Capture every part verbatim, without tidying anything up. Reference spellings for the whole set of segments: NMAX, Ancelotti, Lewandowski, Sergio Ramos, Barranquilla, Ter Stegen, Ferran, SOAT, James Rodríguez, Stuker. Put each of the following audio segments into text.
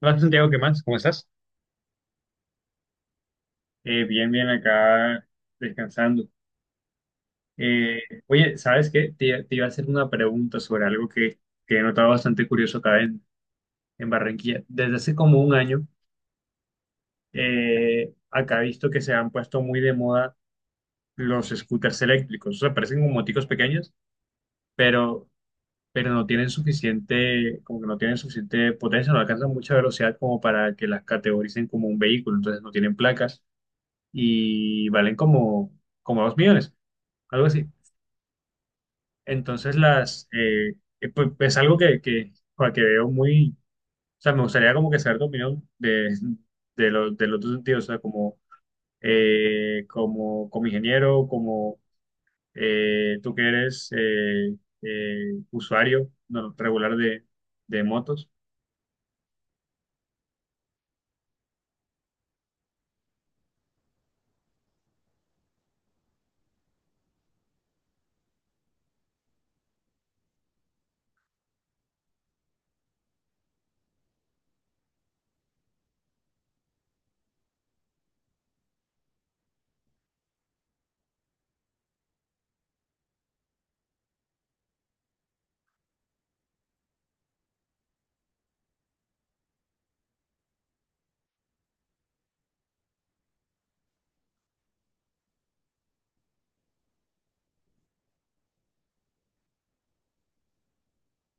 Hola Santiago, ¿qué más? ¿Cómo estás? Eh, bien, bien, acá descansando. Eh, Oye, ¿sabes qué? Te, te iba a hacer una pregunta sobre algo que, que he notado bastante curioso acá en, en Barranquilla. Desde hace como un año, eh, acá he visto que se han puesto muy de moda los scooters eléctricos. O sea, parecen como moticos pequeños, pero, pero no tienen suficiente, como que no tienen suficiente potencia, no alcanzan mucha velocidad como para que las categoricen como un vehículo. Entonces no tienen placas y valen como, como dos millones. Algo así. Entonces las, eh, eh, pues, es algo que, que, joder, que veo muy, o sea, me gustaría como que saber tu opinión de, de, lo- de los dos sentidos, o sea, como, eh, como, como ingeniero, como eh, tú que eres eh, eh, usuario no, regular de, de motos.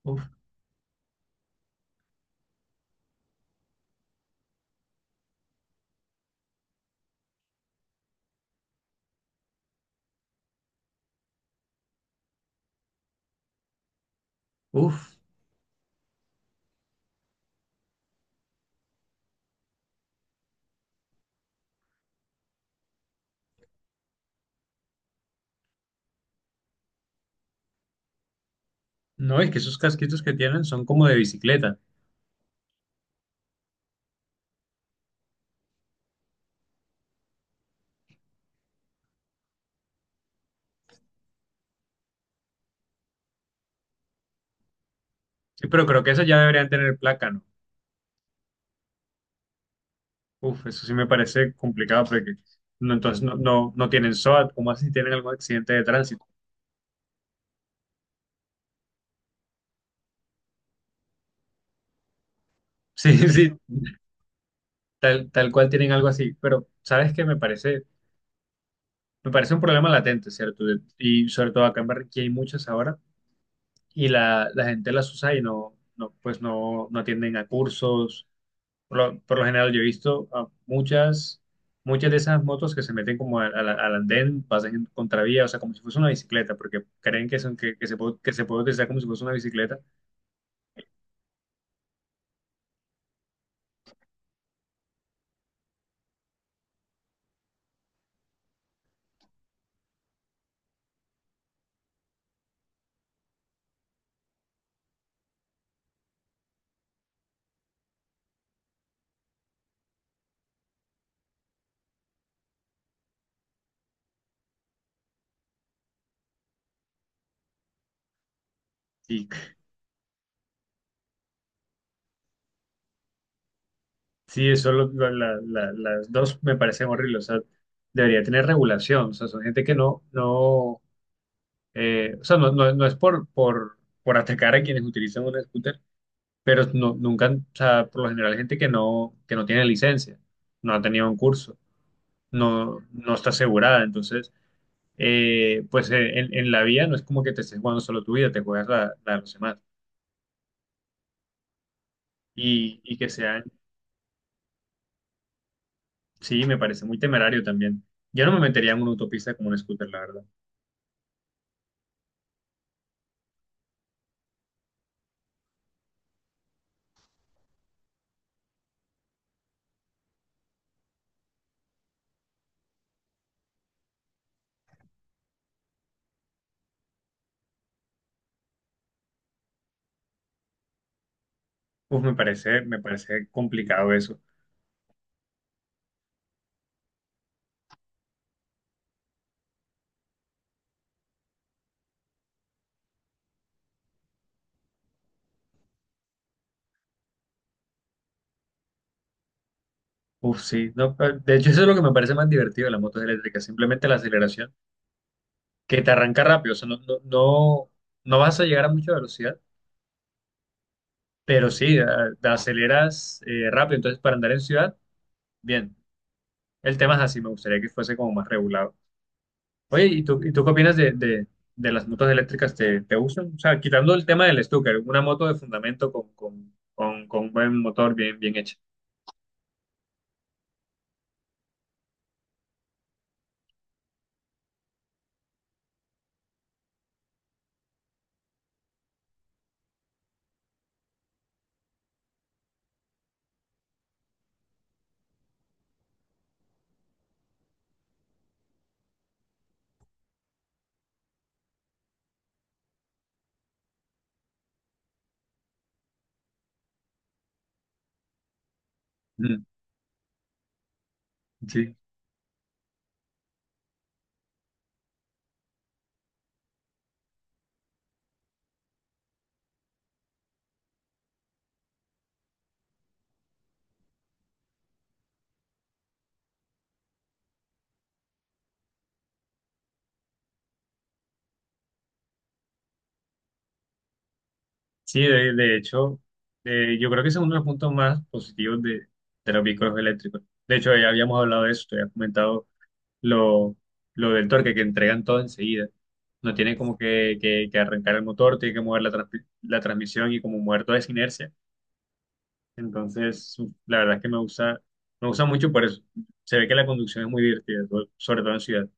Uf, uf, no, es que esos casquitos que tienen son como de bicicleta. Sí, pero creo que esas ya deberían tener placa, ¿no? Uf, eso sí me parece complicado porque no, entonces no, no, no tienen SOAT, ¿cómo así tienen algún accidente de tránsito? Sí, sí, tal, tal cual tienen algo así, pero sabes que me parece, me parece un problema latente, ¿cierto? De- y sobre todo acá en Barranquilla hay muchas ahora y la, la gente las usa y no, no pues no, no atienden a cursos. Por lo, por lo general yo he visto a muchas, muchas de esas motos que se meten como a- a la- al andén, pasan en contravía, o sea, como si fuese una bicicleta, porque creen que, son, que, que se puede, que se puede utilizar como si fuese una bicicleta. Sí, sí, eso lo- lo- la- la- las dos me parecen horribles. O sea, debería tener regulación. O sea, son gente que no, no, eh, o sea, no, no, no es por, por, por atacar a quienes utilizan un scooter, pero no, nunca, o sea, por lo general gente que no, que no tiene licencia, no ha tenido un curso, no, no está asegurada. Entonces, eh, pues eh, en, en la vía no es como que te estés jugando solo tu vida, te juegas la, la de los demás. Y, y que sean, sí, me parece muy temerario también. Yo no me metería en una autopista como un scooter, la verdad. Uf, me parece, me parece complicado eso. Uf, sí. No, pe- de hecho, eso es lo que me parece más divertido de las motos eléctricas, simplemente la aceleración, que te arranca rápido. O sea, no, no, no, no vas a llegar a mucha velocidad, pero sí, a- te aceleras eh, rápido. Entonces, para andar en ciudad, bien. El tema es así, me gustaría que fuese como más regulado. Oye, ¿y tú, y tú qué opinas de, de, de las motos eléctricas? ¿Te, te gustan? O sea, quitando el tema del Stuker, una moto de fundamento con, con, con, con buen motor bien, bien hecha. Mm. Sí. Sí, de, de hecho, eh, yo creo que ese es uno de los puntos más positivos de, de los vehículos eléctricos. De hecho, ya habíamos hablado de eso, te había comentado lo, lo del torque, que entregan todo enseguida. No tienen como que, que- que arrancar el motor, tienen que mover la, transpi- la transmisión y como mover toda esa inercia. Entonces, la verdad es que me gusta, me gusta mucho por eso. Se ve que la conducción es muy divertida, so- sobre todo en ciudad.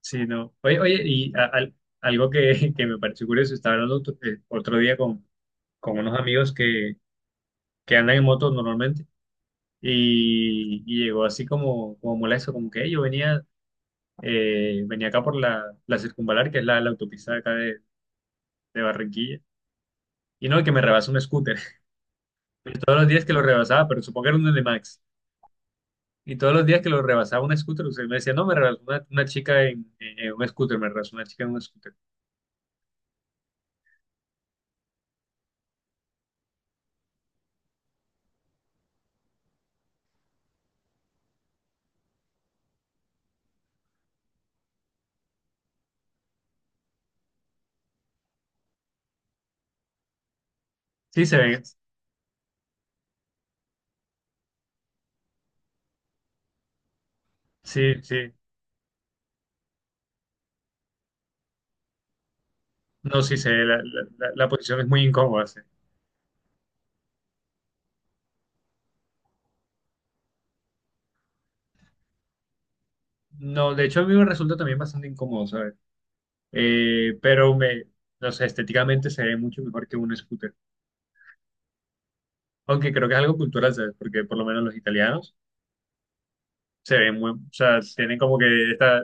Sí, no. Oye, oye, y a- al- algo que, que me pareció curioso, estaba hablando otro eh, otro día con, con unos amigos que que andan en motos normalmente, y, y llegó así como, como molesto, como que "Ey, yo venía, eh, venía acá por la, la circunvalar, que es la, la autopista de acá de, de Barranquilla, y no, que me rebasa un scooter. Todos los días que lo rebasaba, pero supongo que era un de Max. Y todos los días que lo rebasaba un scooter, usted me decía, no, me rebasó una, una chica en, en- en un scooter, me rebasó una chica en un scooter. Sí se ve, sí, sí. No, sí se ve, la, la, la- la posición es muy incómoda, sí. No, de hecho a mí me resulta también bastante incómodo, ¿sabes? Eh, pero me, no sé, estéticamente se ve mucho mejor que un scooter. Aunque creo que es algo cultural, ¿sabes? Porque por lo menos los italianos se ven muy, o sea, tienen como que esta,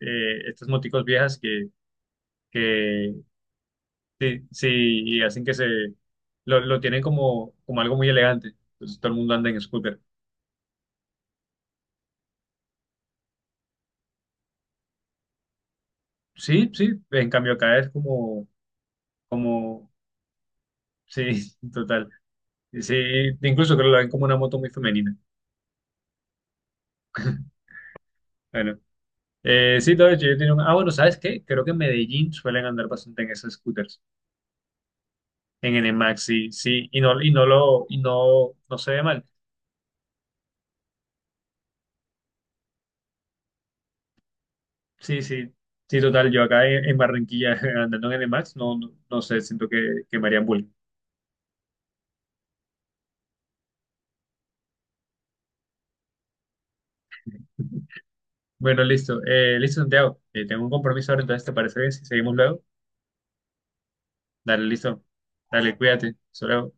eh, estas moticos viejas que, que sí, sí, y hacen que se, lo, lo tienen como, como algo muy elegante. Entonces todo el mundo anda en scooter. Sí, sí, en cambio acá es como, como, sí, total. Sí, incluso creo que lo ven como una moto muy femenina. Bueno. Eh, sí, todo hecho, yo tenía un... Ah, bueno, ¿sabes qué? Creo que en Medellín suelen andar bastante en esos scooters, en ene max, sí, sí, y no, y no lo, y no, no se ve mal. Sí, sí, sí, total, yo acá en, en Barranquilla andando en ene max, no, no, no sé, siento que, que me harían bullying. Bueno, listo, eh, listo, Santiago, eh, tengo un compromiso ahora, entonces, ¿te parece bien si seguimos luego? Dale, listo, dale, cuídate, solo